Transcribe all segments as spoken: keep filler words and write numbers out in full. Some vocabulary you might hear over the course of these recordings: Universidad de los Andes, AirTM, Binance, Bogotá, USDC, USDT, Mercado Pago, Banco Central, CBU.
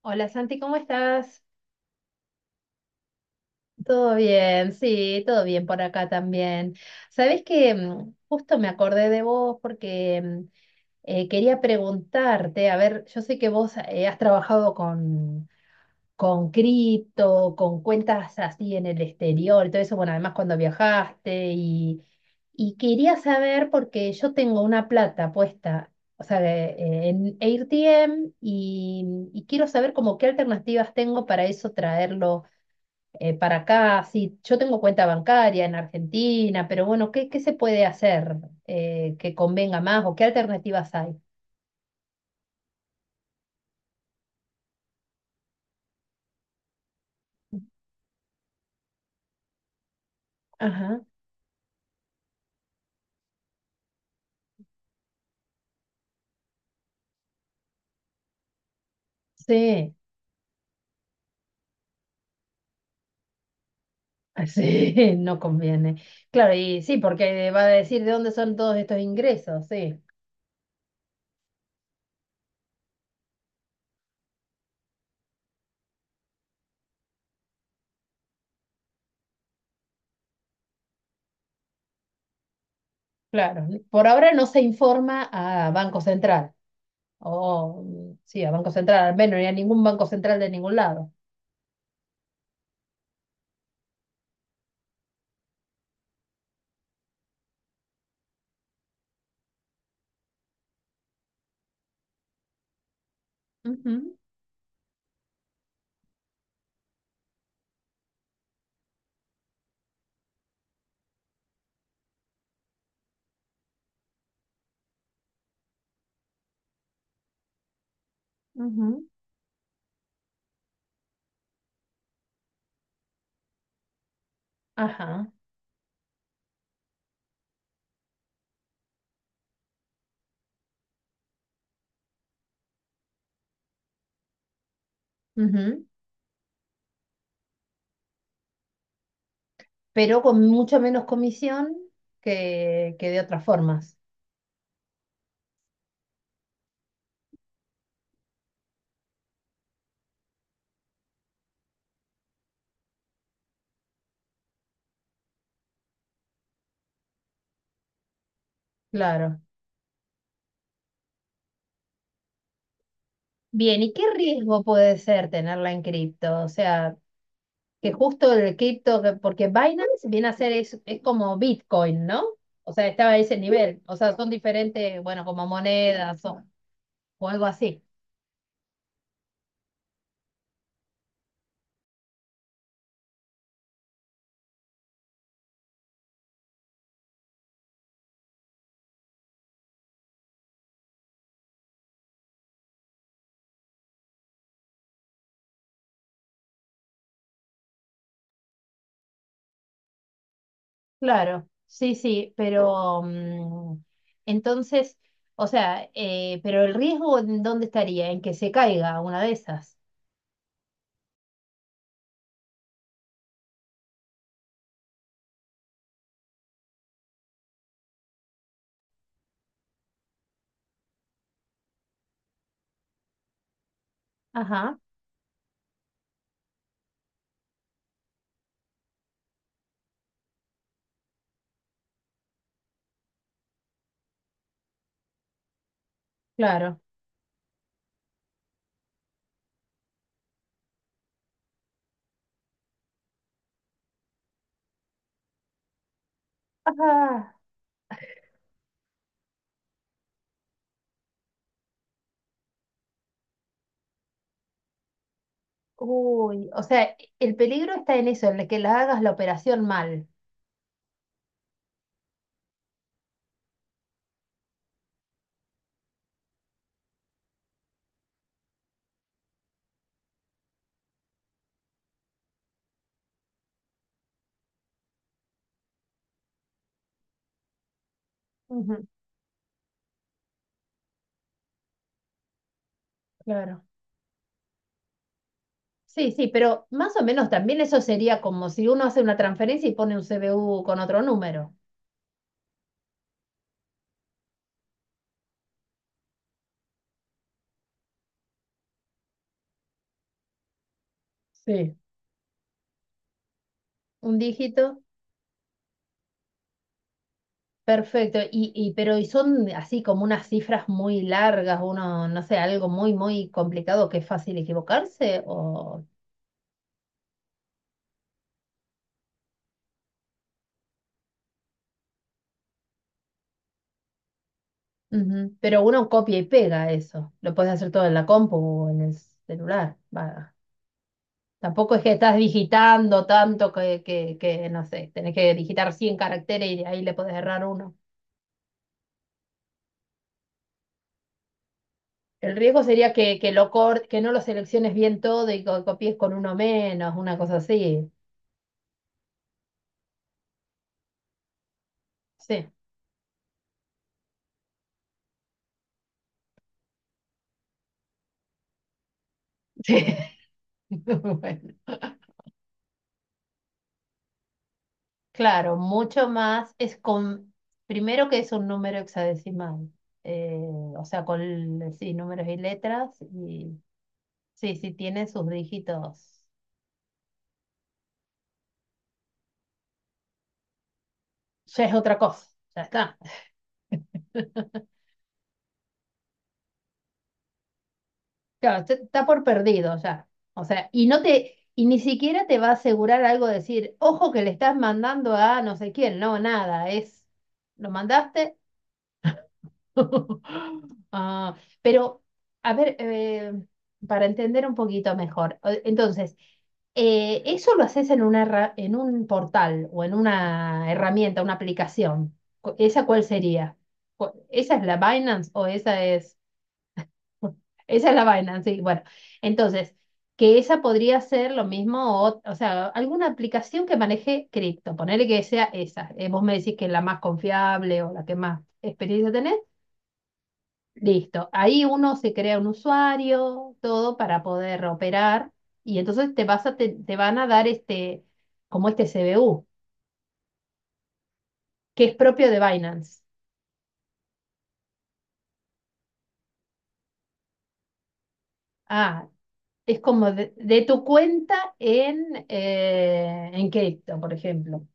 Hola Santi, ¿cómo estás? Todo bien, sí, todo bien por acá también. Sabés que mm, justo me acordé de vos porque mm, eh, quería preguntarte, a ver, yo sé que vos eh, has trabajado con, con cripto, con cuentas así en el exterior y todo eso, bueno, además cuando viajaste y, y quería saber porque yo tengo una plata puesta, o sea, de- eh, en AirTM y, y quiero saber como qué alternativas tengo para eso traerlo eh, para acá, sí, yo tengo cuenta bancaria en Argentina, pero bueno, ¿qué, qué se puede hacer eh, que convenga más o qué alternativas hay? Ajá, sí, sí, no conviene. Claro, y sí, porque va a decir de dónde son todos estos ingresos, sí, claro. Por ahora no se informa a Banco Central, o mm, sí, a Banco Central, al menos, ni a ningún Banco Central de ningún lado. Ujú, ujú, ajá. Ujú. Pero con mucho menos comisión que, que de otras formas. Claro. Bien, ¿y qué riesgo puede ser tenerla en cripto? O sea, que justo el cripto, que- porque Binance viene a ser, es, es como Bitcoin, ¿no? O sea, estaba a ese nivel. O sea, son diferentes, bueno, como monedas o, o algo así. Claro, sí, sí, pero mm, entonces, o sea, eh, pero el riesgo, ¿en dónde estaría? En que se caiga una de esas. Ajá, claro. Ajá. Uy, o sea, el peligro está en eso, en el que la hagas la operación mal. Ujú, claro. Sí, sí, pero más o menos también eso sería como si uno hace una transferencia y pone un C B U con otro número, sí, un dígito, perfecto. Y, y pero y son así como unas cifras muy largas, uno, no sé, algo muy, muy complicado que es fácil equivocarse, o ujú, pero uno copia y pega eso. Lo puedes hacer todo en la compu o en el celular. Va. Tampoco es que estás digitando tanto que, que, que, no sé, tenés que digitar cien caracteres y de ahí le podés errar uno. El riesgo sería que, que, lo cor- que no lo selecciones bien todo y co- copies con uno menos, una cosa así. Sí, sí. Bueno, claro, mucho más es con, primero que es un número hexadecimal, eh, o sea, con, sí, números y letras, y sí, sí tiene sus dígitos. Ya es otra cosa, ya está. Claro, está está por perdido ya. O sea, y no te, y ni siquiera te va a asegurar algo de decir, ojo que le estás mandando a no sé quién, no, nada, es, ¿lo mandaste? Ah, pero, a ver, eh, para entender un poquito mejor, eh, entonces, eh, eso lo haces en una, herra- en un portal o en una herramienta, una aplicación. Cu- ¿Esa cuál sería? Cu- ¿Esa es la Binance o esa es... Esa es la vaina, sí. Bueno, entonces, que esa podría ser lo mismo, o, o sea, alguna aplicación que maneje cripto, ponele que sea esa. Eh, vos me decís que es la más confiable o la que más experiencia tenés. Listo. Ahí uno se crea un usuario, todo para poder operar, y entonces te vas a, te, te van a dar este, como este C B U, que es propio de Binance. Ah, es como de, de tu cuenta en, eh, en cripto, por ejemplo.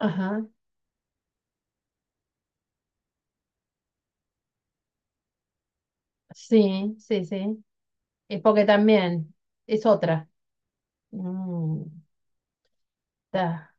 Ajá. Sí, sí, sí. Es porque también es otra. Mm, está,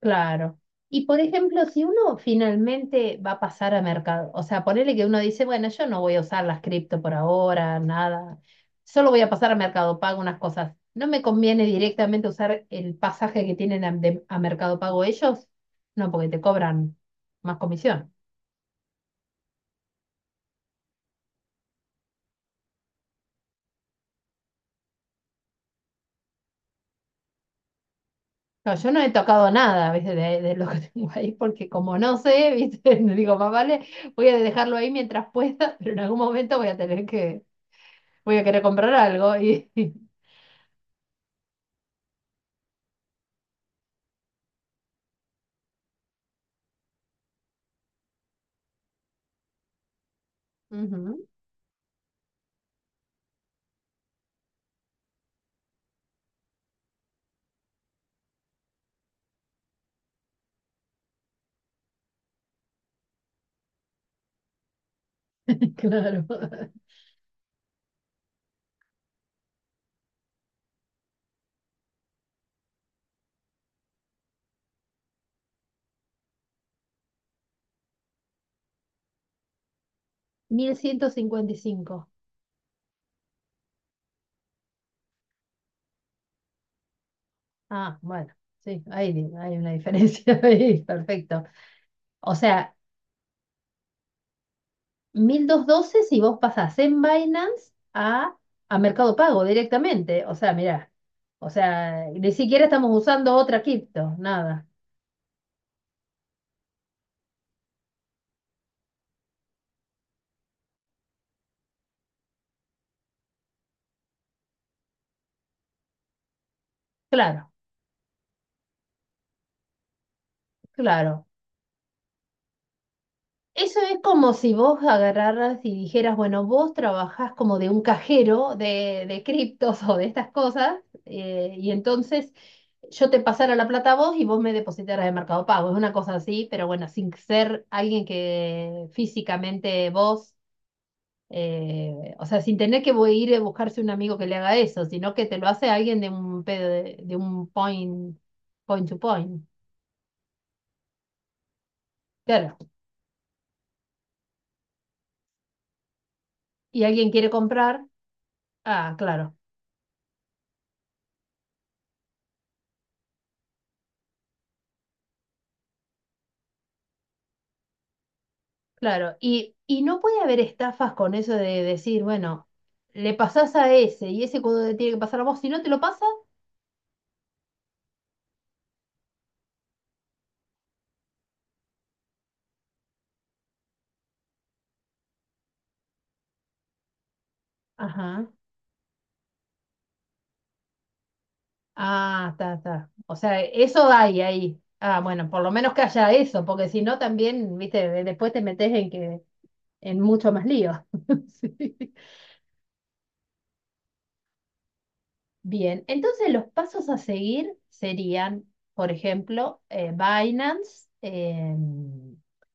claro. Y por ejemplo, si uno finalmente va a pasar a mercado, o sea, ponerle que uno dice, bueno, yo no voy a usar las cripto por ahora, nada, solo voy a pasar a Mercado Pago unas cosas. ¿No me conviene directamente usar el pasaje que tienen a, de- a Mercado Pago ellos? No, porque te cobran más comisión. No, yo no he tocado nada, ¿viste? De, de lo que tengo ahí, porque como no sé, ¿viste? Digo, más vale, voy a dejarlo ahí mientras pueda, pero en algún momento voy a tener que, voy a querer comprar algo. Y... Ujú, claro. Mil ciento cincuenta y cinco. Ah, bueno, sí, ahí hay hay una diferencia ahí, perfecto. O sea, mil doscientos doce si vos pasás en Binance a, a Mercado Pago directamente. O sea, mirá, o sea, ni siquiera estamos usando otra cripto, nada. Claro. Claro. Eso es como si vos agarraras y dijeras, bueno, vos trabajás como de un cajero de, de criptos o de estas cosas, eh, y entonces yo te pasara la plata a vos y vos me depositaras de Mercado Pago. Es una cosa así, pero bueno, sin ser alguien que físicamente vos, eh, o sea, sin tener que voy- ir a buscarse un amigo que le haga eso, sino que te lo hace alguien de un, pedo de, de un point, point to point. Claro. Y alguien quiere comprar, ah, claro. Claro, y, y no puede haber estafas con eso de decir, bueno, le pasás a ese y ese cuando te tiene que pasar a vos, si no te lo pasa, ajá, ah, está, está. O sea, eso hay ahí. Ah, bueno, por lo menos que haya eso, porque si no también, viste, de- después te metes en que en mucho más lío. Sí. Bien, entonces los pasos a seguir serían, por ejemplo, eh, Binance, eh,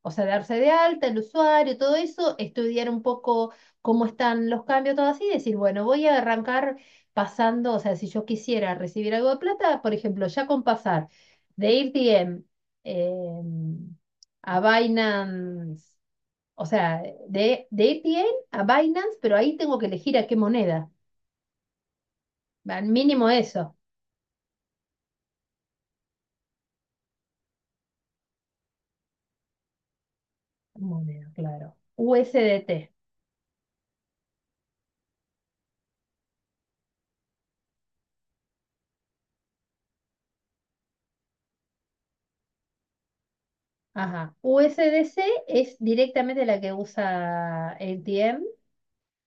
o sea, darse de alta el usuario, todo eso, estudiar un poco cómo están los cambios, todo así, y decir, bueno, voy a arrancar pasando, o sea, si yo quisiera recibir algo de plata, por ejemplo, ya con pasar de AirDM a Binance, o sea, de, de a AirDM a Binance, pero ahí tengo que elegir a qué moneda, al mínimo eso. Moneda, claro. U S D T. Ajá. U S D C es directamente la que usa A T M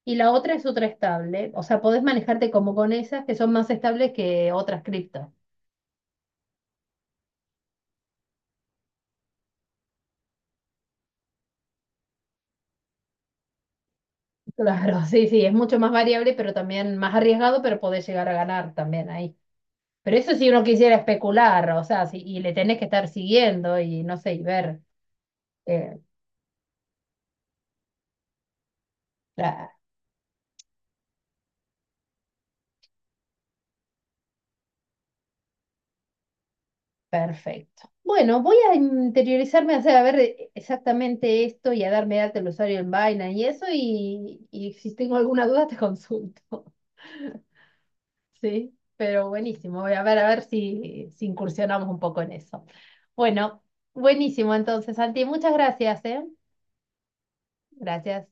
y la otra es otra estable. O sea, podés manejarte como con esas que son más estables que otras criptos. Claro, sí, sí, es mucho más variable, pero también más arriesgado, pero podés llegar a ganar también ahí. Pero eso si uno quisiera especular, o sea, si, y le tenés que estar siguiendo y no sé, y ver. eh, la- Perfecto. Bueno, voy a interiorizarme, a hacer a ver eh, exactamente esto y a darme data del usuario en Binance y eso, y, y si tengo alguna duda te consulto. Sí, pero buenísimo. Voy a ver a ver si, si incursionamos un poco en eso. Bueno, buenísimo entonces, Santi. Muchas gracias, ¿eh? Gracias.